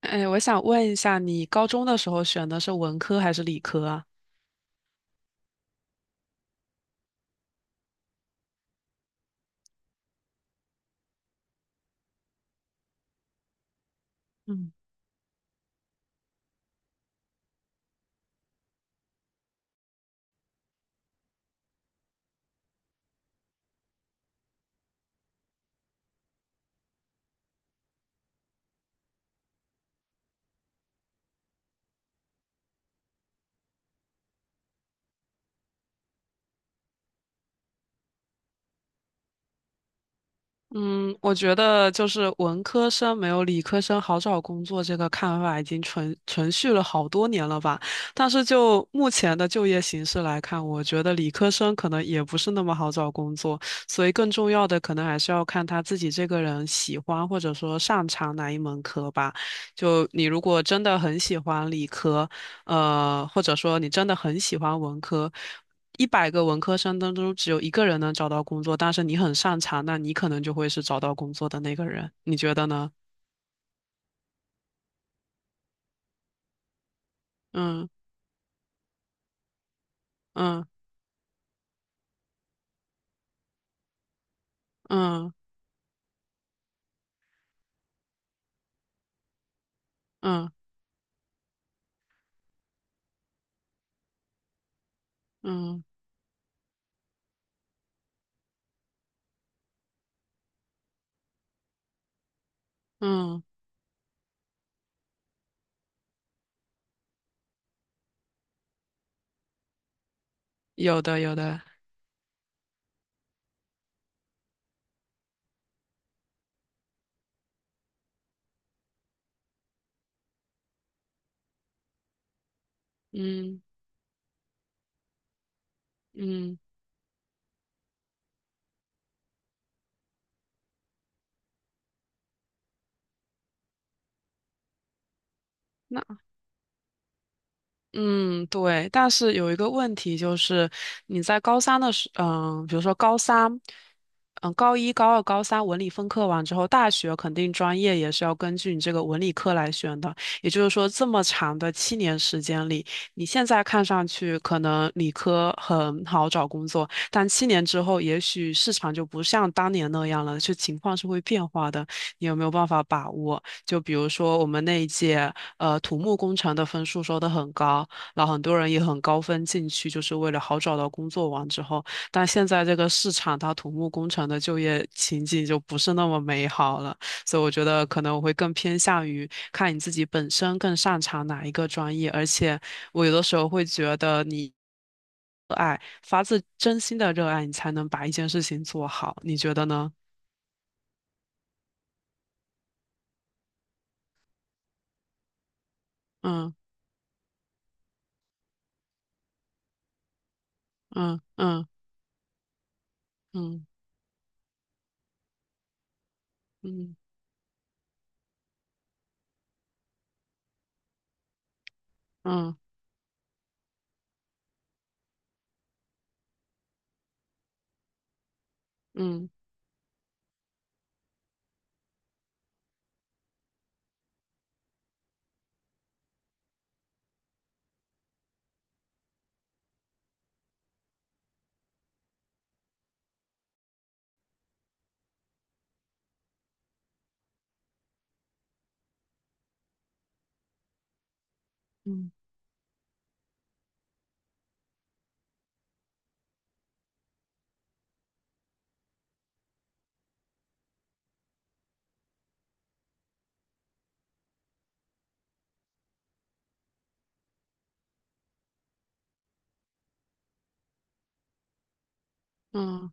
哎，我想问一下，你高中的时候选的是文科还是理科啊？嗯嗯，我觉得就是文科生没有理科生好找工作这个看法已经存续了好多年了吧。但是就目前的就业形势来看，我觉得理科生可能也不是那么好找工作，所以更重要的可能还是要看他自己这个人喜欢或者说擅长哪一门科吧。就你如果真的很喜欢理科，或者说你真的很喜欢文科。100个文科生当中只有一个人能找到工作，但是你很擅长，那你可能就会是找到工作的那个人，你觉得呢？嗯嗯嗯嗯嗯嗯，有的有的，嗯嗯。嗯，对，但是有一个问题就是，你在高三的时，嗯，比如说高三，高一、高二、高三文理分科完之后，大学肯定专业也是要根据你这个文理科来选的。也就是说，这么长的七年时间里，你现在看上去可能理科很好找工作，但七年之后，也许市场就不像当年那样了，就情况是会变化的。你有没有办法把握？就比如说我们那一届，土木工程的分数收得很高。然后很多人也很高分进去，就是为了好找到工作完之后。但现在这个市场，它土木工程的就业情景就不是那么美好了，所以我觉得可能我会更偏向于看你自己本身更擅长哪一个专业，而且我有的时候会觉得你发自真心的热爱，你才能把一件事情做好，你觉得呢？嗯嗯嗯嗯嗯嗯嗯嗯嗯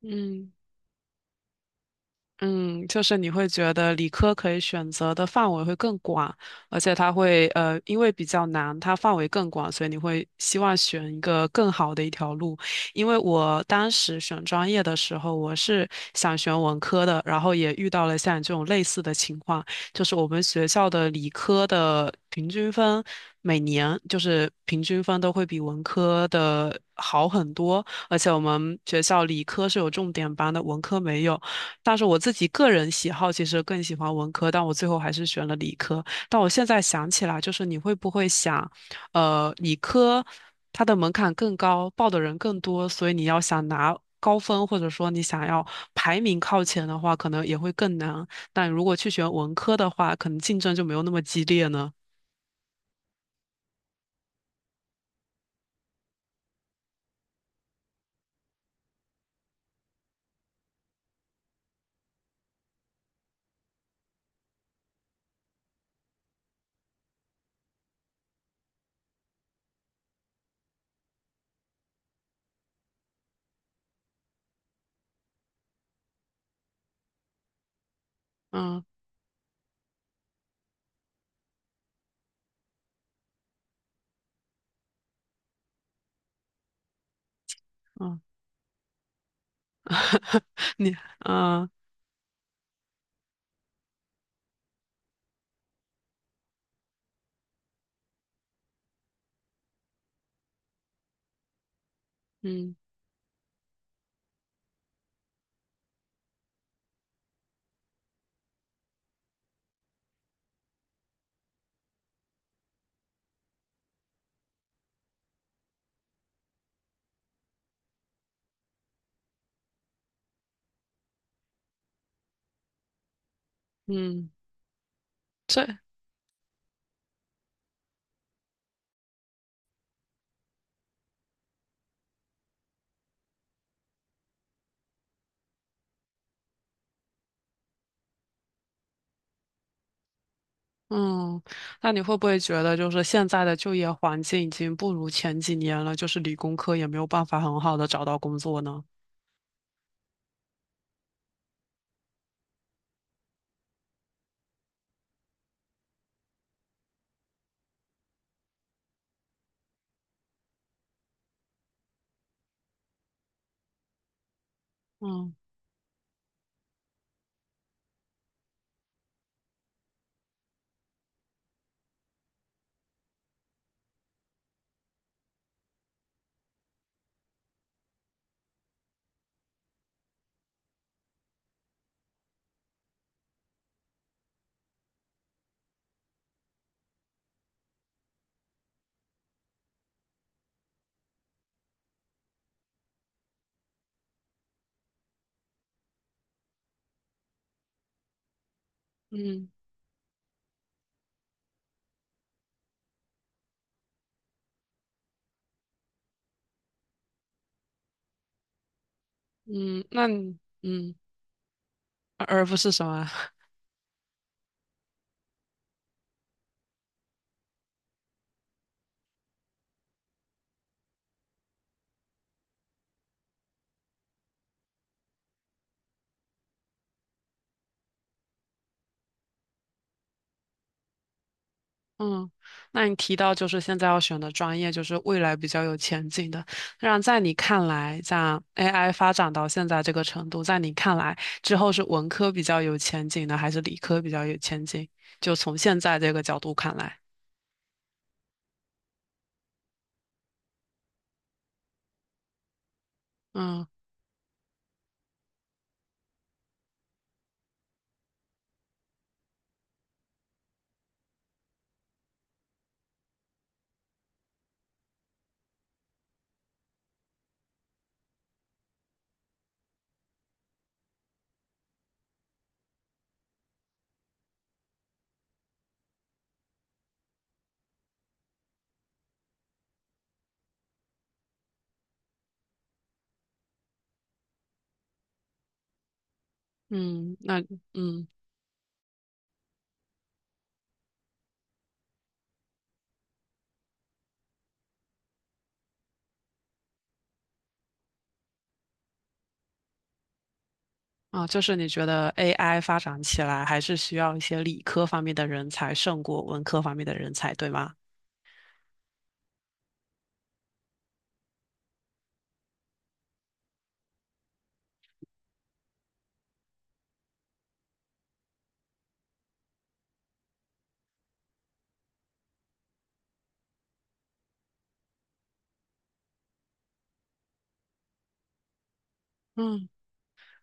嗯。嗯，就是你会觉得理科可以选择的范围会更广，而且它会因为比较难，它范围更广，所以你会希望选一个更好的一条路。因为我当时选专业的时候，我是想选文科的，然后也遇到了像你这种类似的情况，就是我们学校的理科的平均分每年就是平均分都会比文科的好很多，而且我们学校理科是有重点班的，文科没有。但是我自己个人喜好其实更喜欢文科，但我最后还是选了理科。但我现在想起来，就是你会不会想，理科它的门槛更高，报的人更多，所以你要想拿高分，或者说你想要排名靠前的话，可能也会更难。但如果去选文科的话，可能竞争就没有那么激烈呢。嗯嗯，你嗯嗯嗯，这。嗯，那你会不会觉得，就是现在的就业环境已经不如前几年了，就是理工科也没有办法很好的找到工作呢？嗯嗯嗯，那你嗯，而不是什么？嗯，那你提到就是现在要选的专业，就是未来比较有前景的。那在你看来，像 AI 发展到现在这个程度，在你看来之后是文科比较有前景呢，还是理科比较有前景？就从现在这个角度看来，嗯嗯，嗯。啊，就是你觉得 AI 发展起来还是需要一些理科方面的人才胜过文科方面的人才，对吗？嗯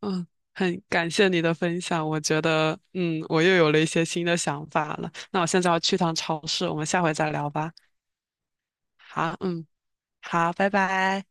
嗯，很感谢你的分享，我觉得我又有了一些新的想法了。那我现在要去趟超市，我们下回再聊吧。好，嗯，好，拜拜。